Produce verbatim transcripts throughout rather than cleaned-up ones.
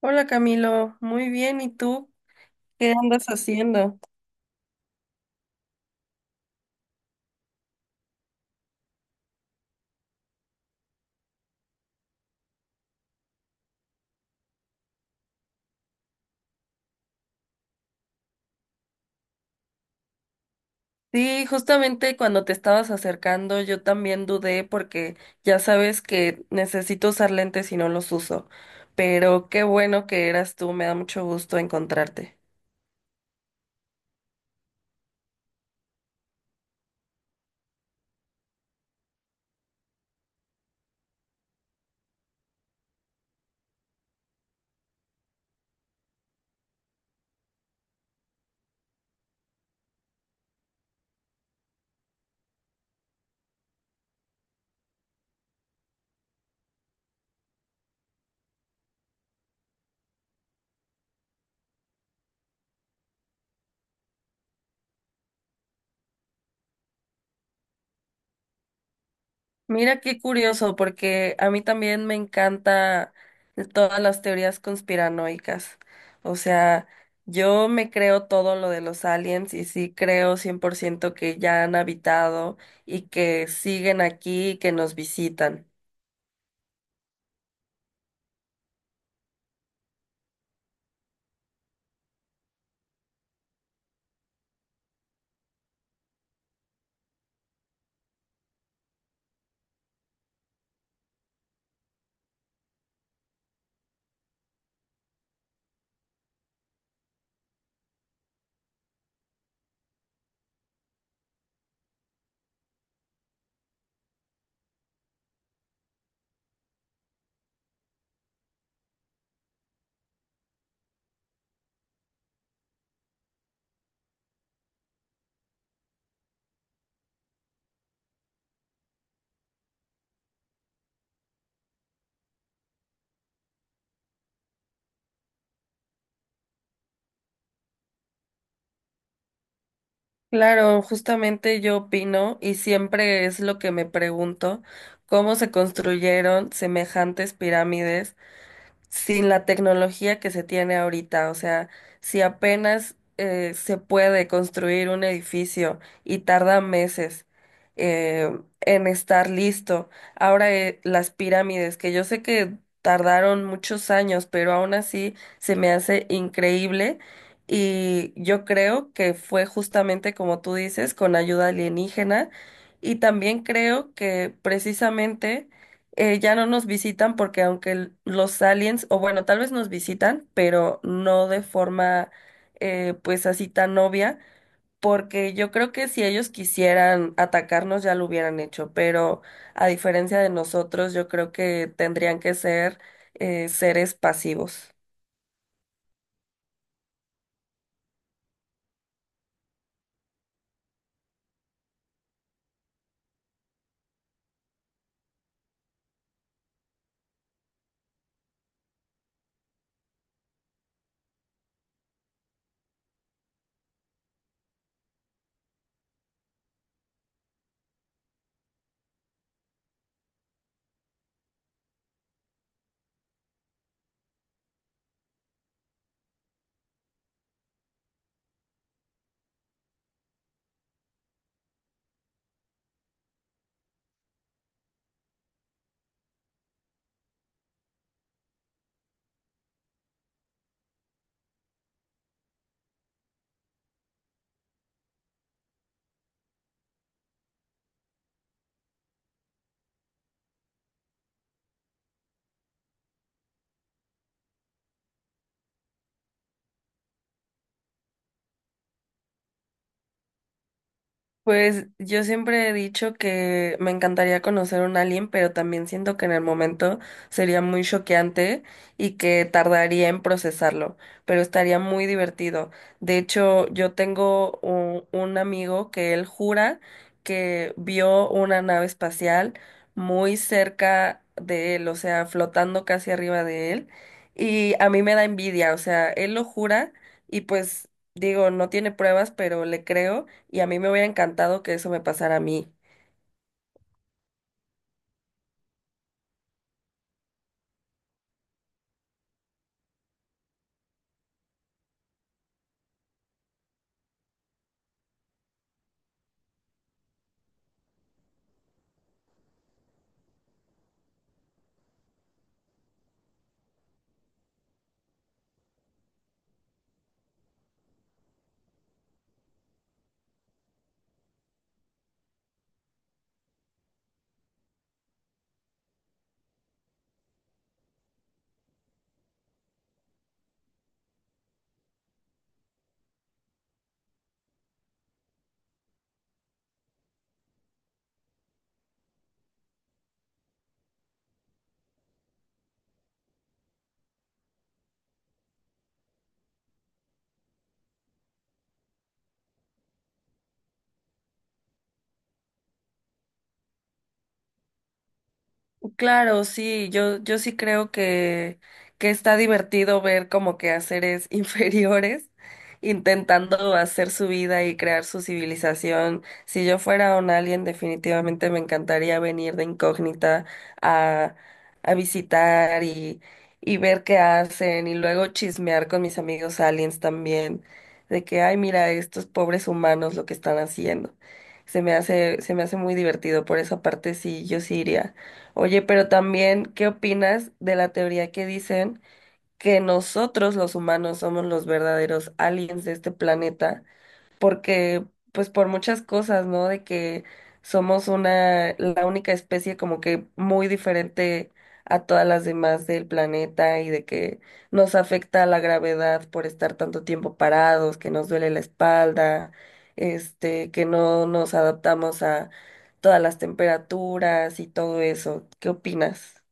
Hola Camilo, muy bien, ¿y tú? ¿Qué andas haciendo? Sí, justamente cuando te estabas acercando yo también dudé porque ya sabes que necesito usar lentes y no los uso, pero qué bueno que eras tú, me da mucho gusto encontrarte. Mira qué curioso, porque a mí también me encanta todas las teorías conspiranoicas. O sea, yo me creo todo lo de los aliens y sí creo cien por ciento que ya han habitado y que siguen aquí y que nos visitan. Claro, justamente yo opino y siempre es lo que me pregunto, cómo se construyeron semejantes pirámides sin la tecnología que se tiene ahorita. O sea, si apenas eh, se puede construir un edificio y tarda meses eh, en estar listo. Ahora eh, las pirámides, que yo sé que tardaron muchos años, pero aún así se me hace increíble. Y yo creo que fue justamente como tú dices, con ayuda alienígena. Y también creo que precisamente eh, ya no nos visitan porque aunque el- los aliens, o bueno, tal vez nos visitan, pero no de forma eh, pues así tan obvia, porque yo creo que si ellos quisieran atacarnos ya lo hubieran hecho, pero a diferencia de nosotros, yo creo que tendrían que ser eh, seres pasivos. Pues yo siempre he dicho que me encantaría conocer un alien, pero también siento que en el momento sería muy choqueante y que tardaría en procesarlo, pero estaría muy divertido. De hecho, yo tengo un, un amigo que él jura que vio una nave espacial muy cerca de él, o sea, flotando casi arriba de él, y a mí me da envidia, o sea, él lo jura y pues digo, no tiene pruebas, pero le creo y a mí me hubiera encantado que eso me pasara a mí. Claro, sí, yo, yo sí creo que, que está divertido ver como que a seres inferiores intentando hacer su vida y crear su civilización. Si yo fuera un alien, definitivamente me encantaría venir de incógnita a, a visitar y, y ver qué hacen y luego chismear con mis amigos aliens también, de que, ay, mira, estos pobres humanos lo que están haciendo. Se me hace, se me hace muy divertido, por esa parte sí, yo sí iría. Oye, pero también, ¿qué opinas de la teoría que dicen que nosotros los humanos somos los verdaderos aliens de este planeta? Porque pues por muchas cosas, ¿no? De que somos una, la única especie como que muy diferente a todas las demás del planeta y de que nos afecta la gravedad por estar tanto tiempo parados, que nos duele la espalda, este, que no nos adaptamos a todas las temperaturas y todo eso. ¿Qué opinas?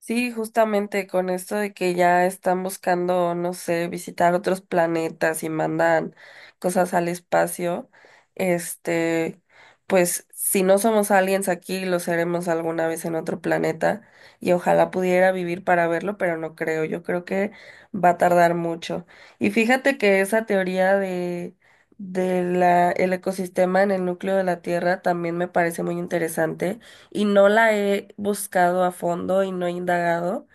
Sí, justamente con esto de que ya están buscando, no sé, visitar otros planetas y mandan cosas al espacio, este, pues si no somos aliens aquí, lo seremos alguna vez en otro planeta y ojalá pudiera vivir para verlo, pero no creo, yo creo que va a tardar mucho. Y fíjate que esa teoría de, de la, el ecosistema en el núcleo de la Tierra también me parece muy interesante y no la he buscado a fondo y no he indagado,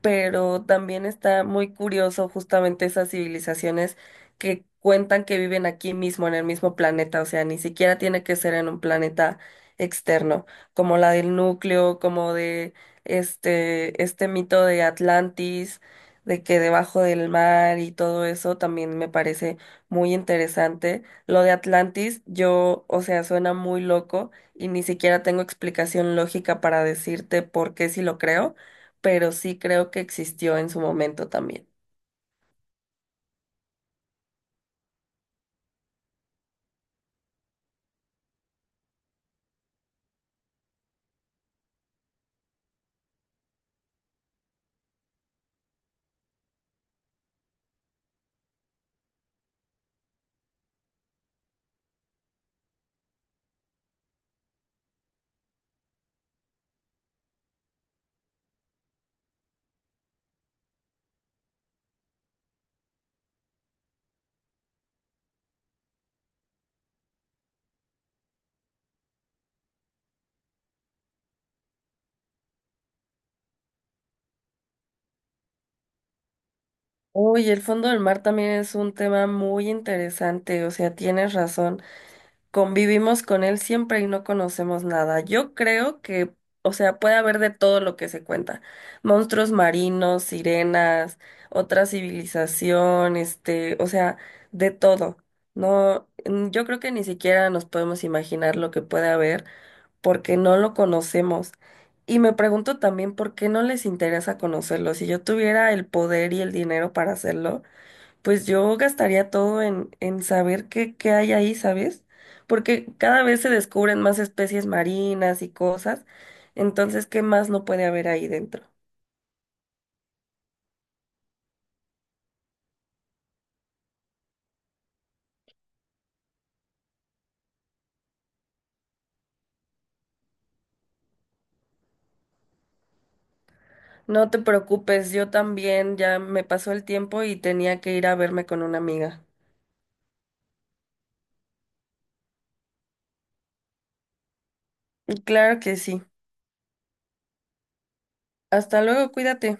pero también está muy curioso justamente esas civilizaciones que cuentan que viven aquí mismo, en el mismo planeta, o sea, ni siquiera tiene que ser en un planeta externo, como la del núcleo, como de este, este mito de Atlantis, de que debajo del mar y todo eso también me parece muy interesante. Lo de Atlantis, yo, o sea, suena muy loco y ni siquiera tengo explicación lógica para decirte por qué si lo creo, pero sí creo que existió en su momento también. Uy, el fondo del mar también es un tema muy interesante, o sea, tienes razón. Convivimos con él siempre y no conocemos nada. Yo creo que, o sea, puede haber de todo lo que se cuenta. Monstruos marinos, sirenas, otra civilización, este, o sea, de todo. No, mm, yo creo que ni siquiera nos podemos imaginar lo que puede haber, porque no lo conocemos. Y me pregunto también por qué no les interesa conocerlo. Si yo tuviera el poder y el dinero para hacerlo, pues yo gastaría todo en, en saber qué, qué hay ahí, ¿sabes? Porque cada vez se descubren más especies marinas y cosas. Entonces, ¿qué más no puede haber ahí dentro? No te preocupes, yo también ya me pasó el tiempo y tenía que ir a verme con una amiga. Claro que sí. Hasta luego, cuídate.